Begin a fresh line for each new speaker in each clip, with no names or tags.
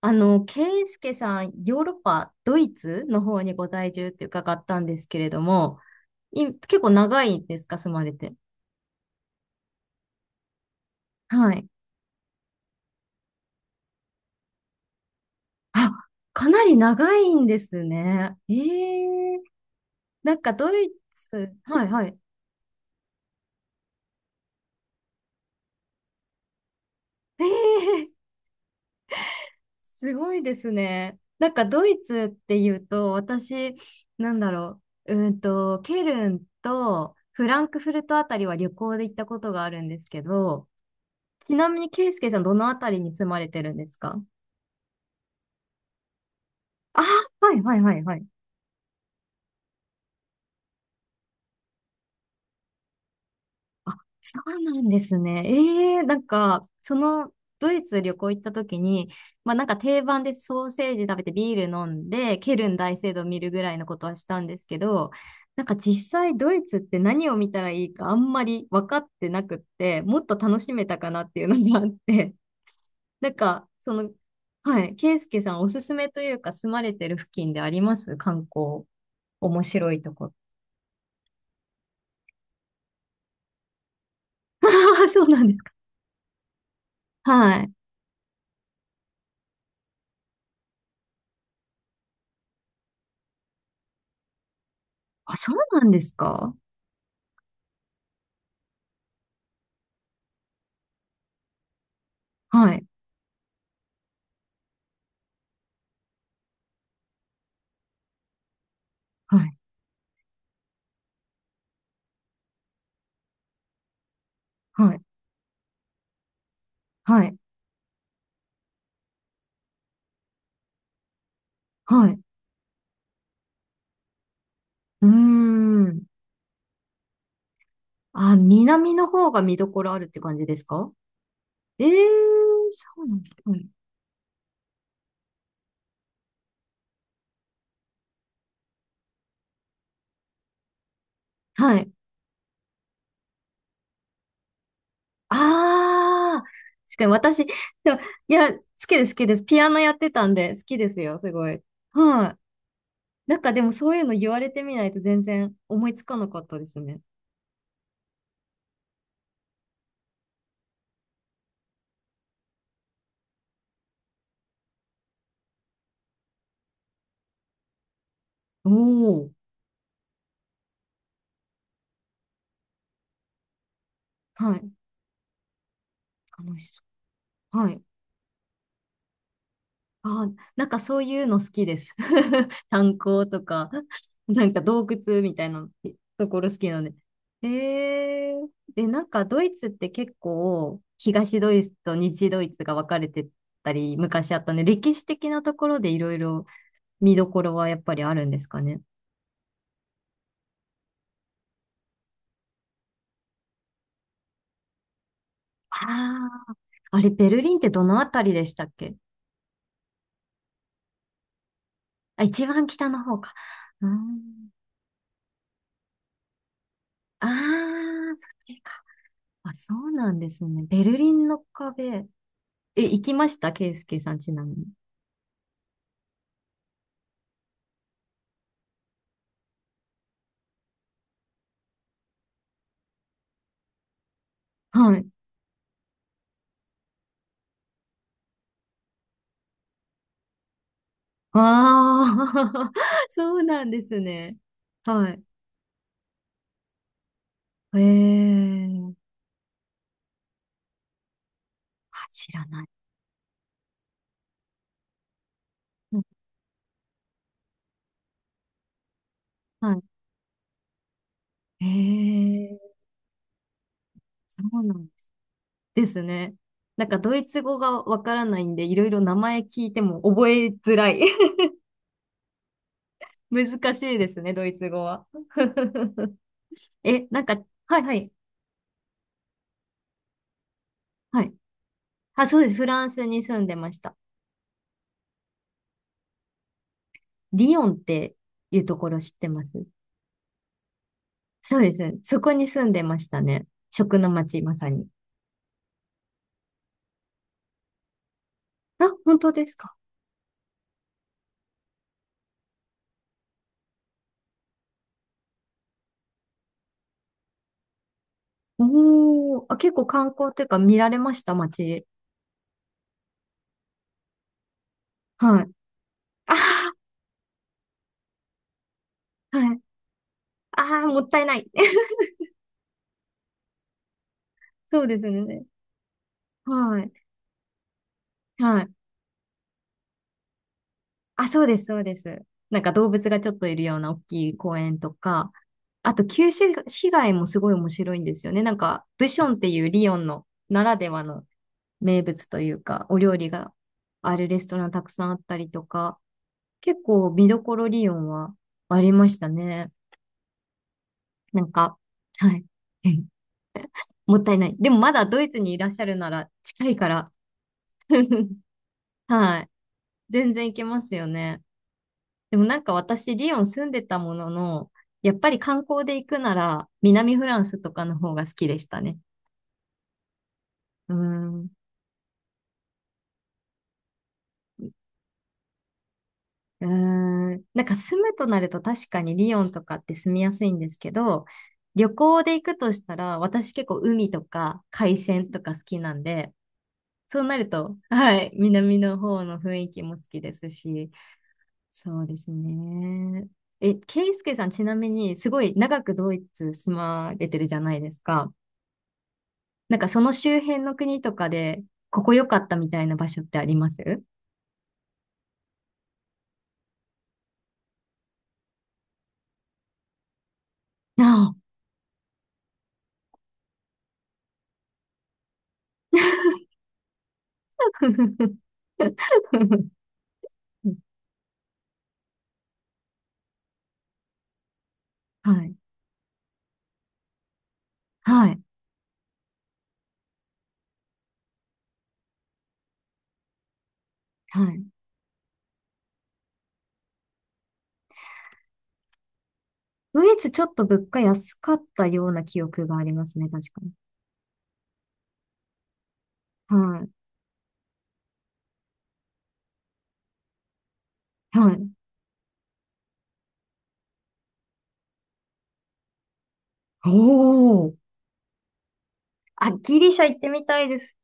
ケイスケさん、ヨーロッパ、ドイツの方にご在住って伺ったんですけれども、結構長いんですか、住まれて。はい。あ、かなり長いんですね。ええ、なんかドイツ、はいはい。ええ、すごいですね。なんかドイツっていうと、私、なんだろケルンとフランクフルトあたりは旅行で行ったことがあるんですけど、ちなみに、ケイスケさん、どのあたりに住まれてるんですか？あ、はい、はい、はい、はい。あ、そうなんですね。ええ、なんか、その、ドイツ旅行行った時に、まあなんか定番でソーセージ食べてビール飲んで、ケルン大聖堂見るぐらいのことはしたんですけど、なんか実際ドイツって何を見たらいいかあんまり分かってなくって、もっと楽しめたかなっていうのがあって、なんか、その、はい、ケイスケさんおすすめというか住まれてる付近であります観光。面白いところ。ああ、そうなんですか。はい。あ、そうなんですか。はい。はい。はい。はい。はい。うーん。あ、南の方が見どころあるって感じですか？ええー、そうなんだ。はい。はい。ああ、確かに私、でも、いや、好きです、好きです。ピアノやってたんで、好きですよ、すごい。はい。なんかでもそういうの言われてみないと全然思いつかなかったですね。おー。はい。楽しそう。はい。あ、なんかそういうの好きです。炭鉱とか、なんか洞窟みたいなところ好きなので。えー、で、なんかドイツって結構東ドイツと西ドイツが分かれてたり昔あったね。歴史的なところでいろいろ見どころはやっぱりあるんですかね。ああ、あれベルリンってどのあたりでしたっけ？あ、一番北の方か。うーん。ああ、そっちか。あ、そうなんですね。ベルリンの壁。え、行きましたケイスケさん、ちなみに。はい。ああ、そうなんですね。はい。ええー、あ、知らない。うん、はい。ええー、そうなんです。ですね。なんか、ドイツ語がわからないんで、いろいろ名前聞いても覚えづらい。難しいですね、ドイツ語は。え、なんか、はいはい。はい。あ、そうです。フランスに住んでました。リヨンっていうところ知ってます？そうです。そこに住んでましたね。食の街、まさに。あ、本当ですか。おー、あ、結構観光っていうか見られました、街。はい。あー、はい。ああ、もったいない。そうですね。はい。はい。あ、そうです、そうです。なんか動物がちょっといるような大きい公園とか、あと旧市市街もすごい面白いんですよね。なんか、ブションっていうリヨンのならではの名物というか、お料理があるレストランたくさんあったりとか、結構見どころ理論はありましたね。なんか、はい。うん、もったいない。でもまだドイツにいらっしゃるなら近いから。はい。全然行けますよね。でもなんか私、リヨン住んでたものの、やっぱり観光で行くなら、南フランスとかの方が好きでしたね。うーん。うーん。なんか住むとなると確かにリヨンとかって住みやすいんですけど、旅行で行くとしたら、私結構海とか海鮮とか好きなんで、そうなると、はい、南の方の雰囲気も好きですし、そうですね。え、ケイスケさん、ちなみに、すごい長くドイツ住まれてるじゃないですか。なんか、その周辺の国とかで、ここ良かったみたいな場所ってあります？ああ。はい。はい。はい。ドイツちょっと物価安かったような記憶がありますね、確かに。はい。はい。おお。あ、ギリシャ行ってみたいです。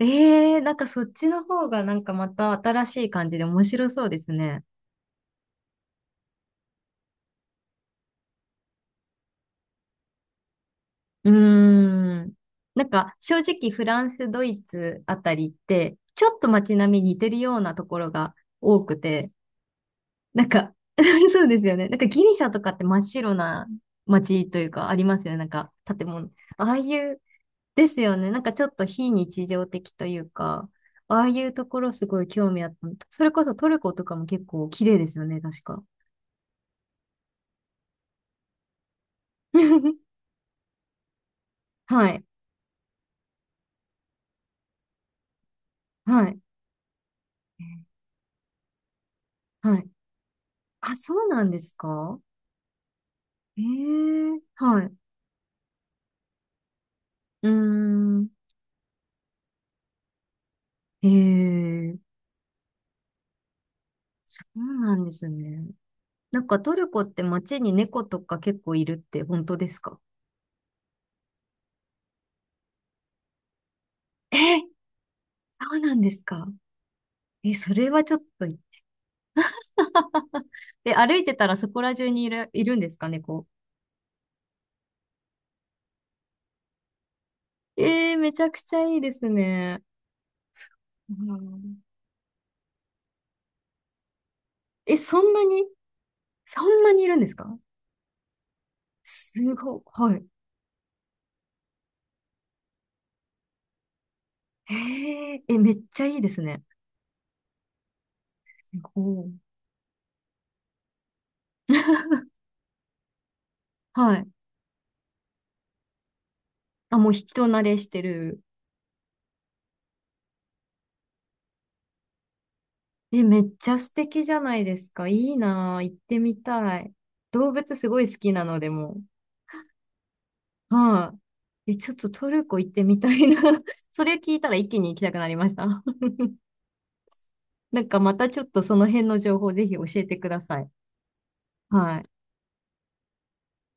ええ、なんかそっちの方がなんかまた新しい感じで面白そうですね。うーん。なんか正直フランス、ドイツあたりって、ちょっと街並み似てるようなところが多くて、なんか そうですよね。なんかギリシャとかって真っ白な街というかありますよね。なんか建物。ああいう、ですよね。なんかちょっと非日常的というか、ああいうところすごい興味あった。それこそトルコとかも結構綺麗ですよね、確か。はい。はい。はい。あ、そうなんですか？ええ、はい。うーん。ええ、そうなんですね。なんかトルコって街に猫とか結構いるって本当ですか？えー、そうなんですか？え、それはちょっと、え、歩いてたらそこら中にいる、いるんですか猫。えー、めちゃくちゃいいですね。うん、え、そんなに、そんなにいるんですか？すごい。はい。えー、え、めっちゃいいですね。すごい。はい。あ、もう人慣れしてる。え、めっちゃ素敵じゃないですか。いいなぁ行ってみたい。動物すごい好きなのでもう。はい。え、ちょっとトルコ行ってみたいな。それ聞いたら一気に行きたくなりました。なんかまたちょっとその辺の情報ぜひ教えてください。はい。